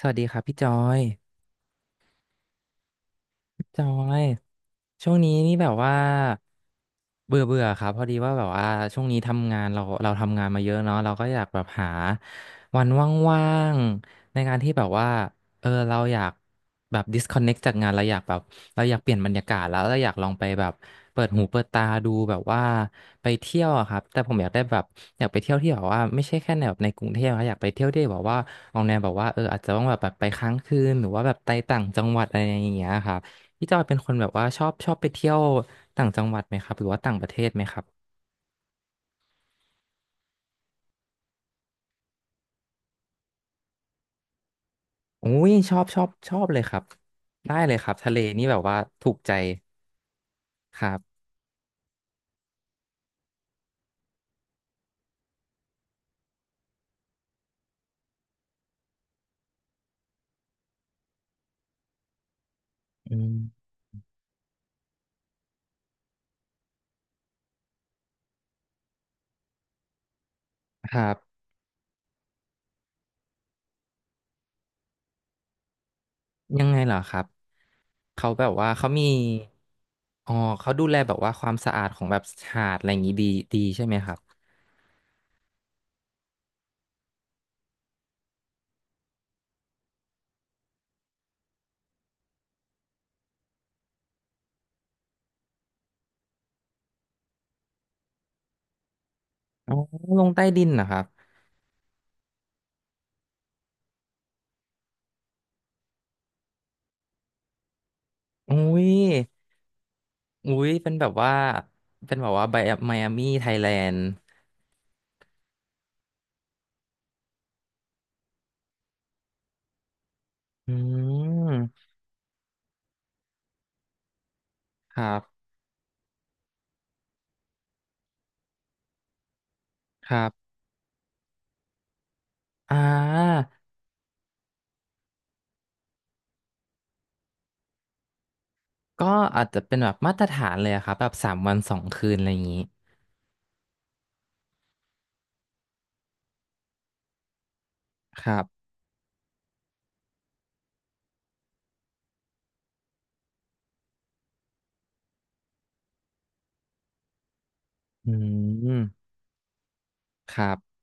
สวัสดีครับพี่จอย จอยช่วงนี้นี่แบบว่าเบื่อเบื่อครับพอดีว่าแบบว่าช่วงนี้ทำงานเราทำงานมาเยอะเนาะเราก็อยากแบบหาวันว่างๆในการที่แบบว่าเราอยากแบบ disconnect จากงานเราอยากเปลี่ยนบรรยากาศแล้วเราอยากลองไปแบบเปิดหูเปิดตาดูแบบว่าไปเที่ยวอะครับแต่ผมอยากได้แบบอยากไปเที่ยวที่แบบว่าไม่ใช่แค่ในแบบในกรุงเทพนะอยากไปเที่ยวที่แบบว่าออกแนวแบบว่าอาจจะต้องแบบไปค้างคืนหรือว่าแบบไปต่างจังหวัดอะไรอย่างเงี้ยครับ พี่จอยเป็นคนแบบว่าชอบไปเที่ยวต่างจังหวัดไหมครับหรือว่าต่างประเทศไหมครับอุ้ยชอบชอบชอบเลยครับได้เลยครับทะเลนี่แบบว่าถูกใจครับอืมครับยังไงเหรอครับเขาแบบว่าเขามีอ๋อเขาดูแลแบบว่าความสะอาดของแบบหาดอะไรอย่างงี้ดีดีใช่ไหมครับอ๋อลงใต้ดินนะครับอุ้ยอุ้ยเป็นแบบว่าเป็นแบบว่าไบไมอามี่ไทยแลนด์อืมครับครับอ่า ก็อาจจะเป็นแบบมาตรฐานเลยอะครับแบบสามวันสองคืนอะไรอย่างนี้ครับอืมครับ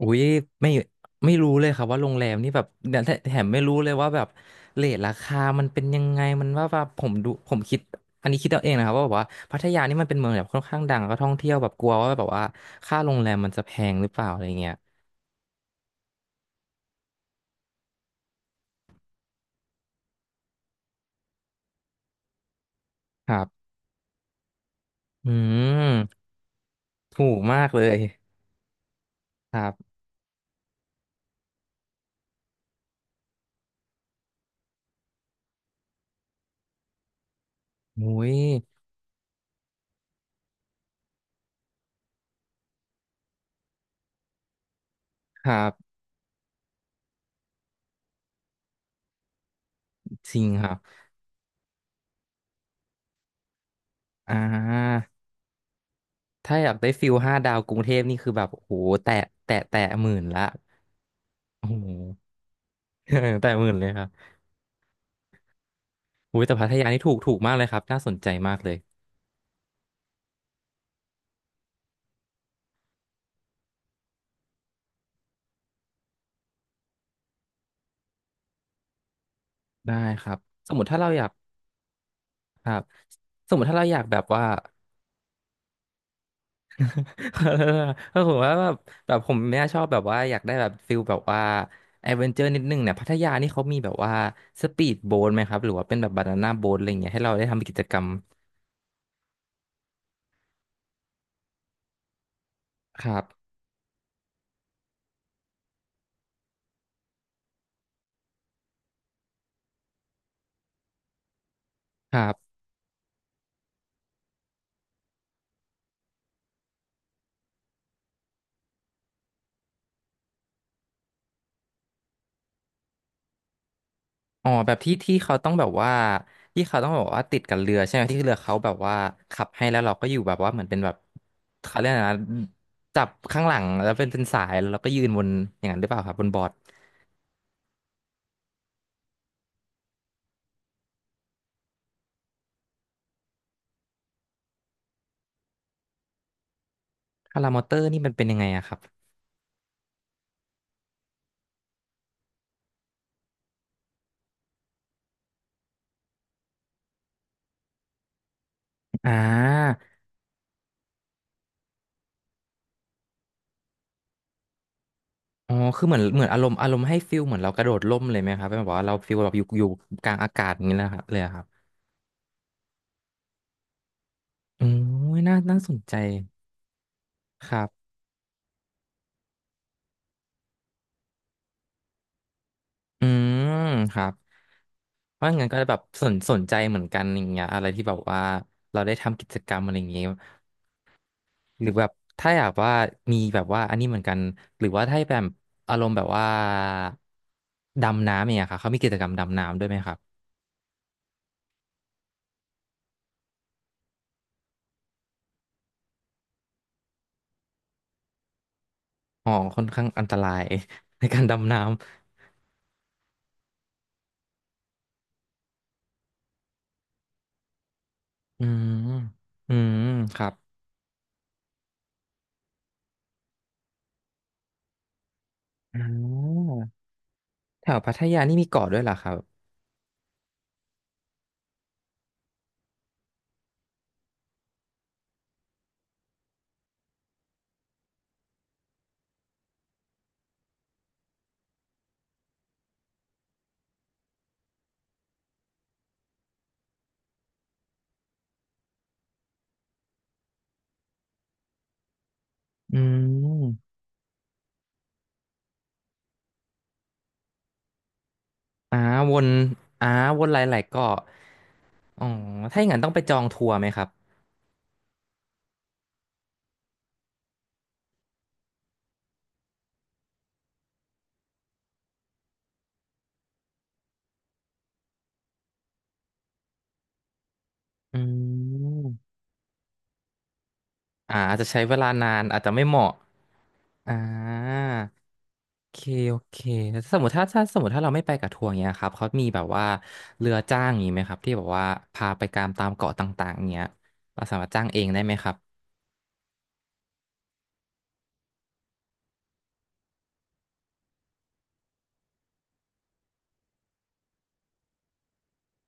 อุ้ยไม่ไม่รู้เลยครับว่าโรงแรมนี่แบบเนี่ยแถมไม่รู้เลยว่าแบบเรทราคามันเป็นยังไงมันว่าแบบผมดูผมคิดอันนี้คิดเอาเองนะครับว่าแบบว่าพัทยานี่มันเป็นเมืองแบบค่อนข้างดังแล้วก็ท่องเที่ยวแบบกลัวว่าแบบว่าค่าโรงแรมมันจะแพงหรือเปล่าอะไรเงี้ยครับอืมถูกมากเลยครับอุ้ยครับจริงครับอ่า ถ้าอยากได้ฟิลห้าดาวกรุงเทพนี่คือแบบโอ้โหแตะแตะหมื่นละโอ้โห แตะหมื่นเลยครับโอ้ยแต่พัทยานี่ถูกถูกมากเลยครับน่าสนใจมากเลยได้ครับสมมติถ้าเราอยากครับสมมติถ้าเราอยากแบบว่า ถ้าผมว่าแบบแบบผมเนี่ยชอบแบบว่าอยากได้แบบฟิลแบบว่าแอดเวนเจอร์นิดนึงเนี่ยพัทยานี่เขามีแบบว่าสปีดโบ๊ทไหมครับหรือว่าเป็นแบบบานาน่าโบ๊ทอะไรอย่างเงี้ยให้เราได้ทำกิจกรรมครับครับ อ๋อแบบที่ที่เขาต้องแบบว่าที่เขาต้องแบบว่าติดกับเรือใช่ไหมที่เรือเขาแบบว่าขับให้แล้วเราก็อยู่แบบว่าเหมือนเป็นแบบเขาเรียกอะไรนะจับข้างหลังแล้วเป็นสายแล้วเราก็ยืนบนอย่างนั้นหรือเปล่าครับบนบอร์ดพารามอเตอร์นี่มันเป็นยังไงอะครับอ่าอ๋อคือเหมือนอารมณ์ให้ฟิลเหมือนเรากระโดดร่มเลยไหมครับเป็นแบบว่าเราฟิลแบบอยู่กลางอากาศอย่างนี้นะครับเลยอะครับอืมน่าสนใจครับอืมครับ เพราะงั้นก็แบบสนใจเหมือนกันอย่างเงี้ยอะไรที่แบบว่าเราได้ทำกิจกรรมอะไรอย่างเงี้ยหรือแบบถ้าอยากว่ามีแบบว่าอันนี้เหมือนกันหรือว่าถ้าแบบอารมณ์แบบว่าดำน้ำอย่างเงี้ยค่ะเขามีกิจกรรมดำน้ำด้วยไหมครับอ๋อค่อนข้างอันตราย ในการดำน้ำอืมอืมครับอ่อแถวพัทยานี่มีเกาะด้วยเหรอครับอืมอ่าวนอ่าวนหลายๆเกาะอ๋อถ้าอย่างนั้นต้องไปจองทัวร์ไหมครับ อืมอาจจะใช้เวลานานอาจจะไม่เหมาะอ่าโอเคโอเคแล้วสมมติถ้าเราไม่ไปกับทัวร์เงี้ยครับเขามีแบบว่าเรือจ้างอย่างงี้ไหมครับที่แบบว่าพาไปตามตามเกาะต่างๆเงี้ยเราสามารถจ้างเองได้ไหมครับ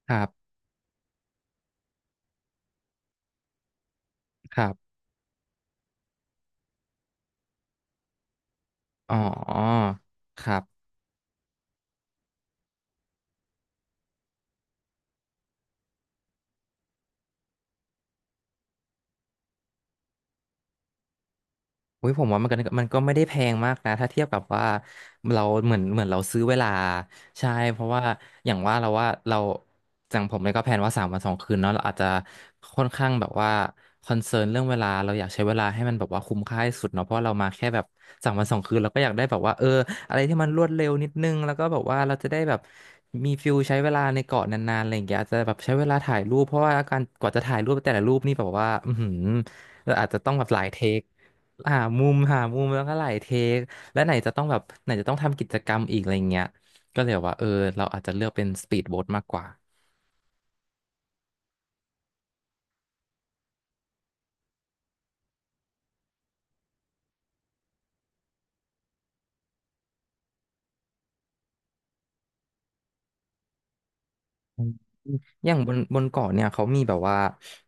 ครับครับอ๋อครับ อุ้ยผมว่ามันก็ไม่ได้แพงมากนะถ้าเทียบกับว่าเราเหมือนเราซื้อเวลาใช่เพราะว่าอย่างว่าเราอย่างผมเนี่ยก็แพลนว่าสามวันสองคืนเนาะเราอาจจะค่อนข้างแบบว่าคอนเซิร์นเรื่องเวลาเราอยากใช้เวลาให้มันแบบว่าคุ้มค่าที่สุดเนาะเพราะเรามาแค่แบบสามวันสองคืนเราก็อยากได้แบบว่าอะไรที่มันรวดเร็วนิดนึงแล้วก็แบบว่าเราจะได้แบบมีฟิลใช้เวลาในเกาะนานๆอะไรอย่างเงี้ยอาจจะแบบใช้เวลาถ่ายรูปเพราะว่าการกว่าจะถ่ายรูปแต่ละรูปนี่แบบว่าอือหือเราอาจจะต้องแบบหลายเทค หามุมหามุมแล้วก็หลายเทคและไหนจะต้องแบบไหนจะต้องทำกิจกรรมอีกอะไรเงี้ยก็เลยแบบว่าเราอาจจะเลือกเป็นสปีดโบ๊ทมากกว่าอืมอย่างบนเกาะเนี่ย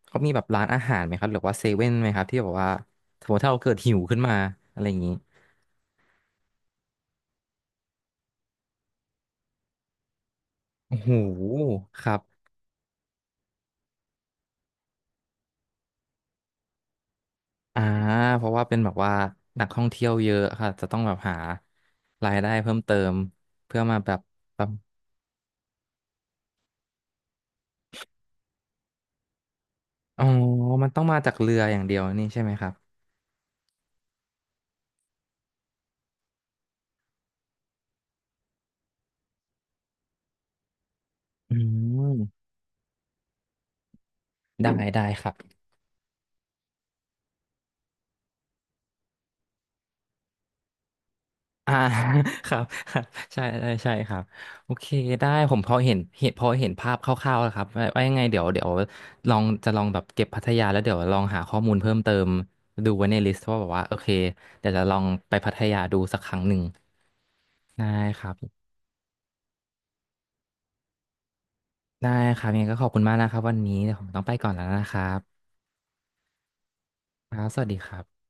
เขามีแบบร้านอาหารไหมครับหรือว่าเซเว่นไหมครับที่แบบว่าสมมติถ้าเราเกิดหิวขึ้นมาอะไรอย่างนี้โอ้โหครับอ่าเพราะว่าเป็นแบบว่านักท่องเที่ยวเยอะค่ะจะต้องแบบหารายได้เพิ่มเติมเพื่อมาแบบอ๋อมันต้องมาจากเรืออย่างเดียวนี่ใช่ไหมครับอืม ได้ได้ครับอ่า ครับครับใช่ใช่ใช่ครับโอเคได้ผมพอเห็นภาพคร่าวๆแล้วครับว่ายังไงเดี๋ยวลองจะลองแบบเก็บพัทยา แล้วเดี๋ยวลองหาข้อมูลเพิ่มเติมดูไว้ในลิสต์ว่าแบบว่าโอเคเดี๋ยวจะลองไปพัทยาดูสักครั้งหนึ่งได้ครับได้ครับยังไงก็ขอบคุณมากนะครับวันนี้เดี๋ยวผมต้องไปก่อนแล้วนะครับครับสวัสดีครับ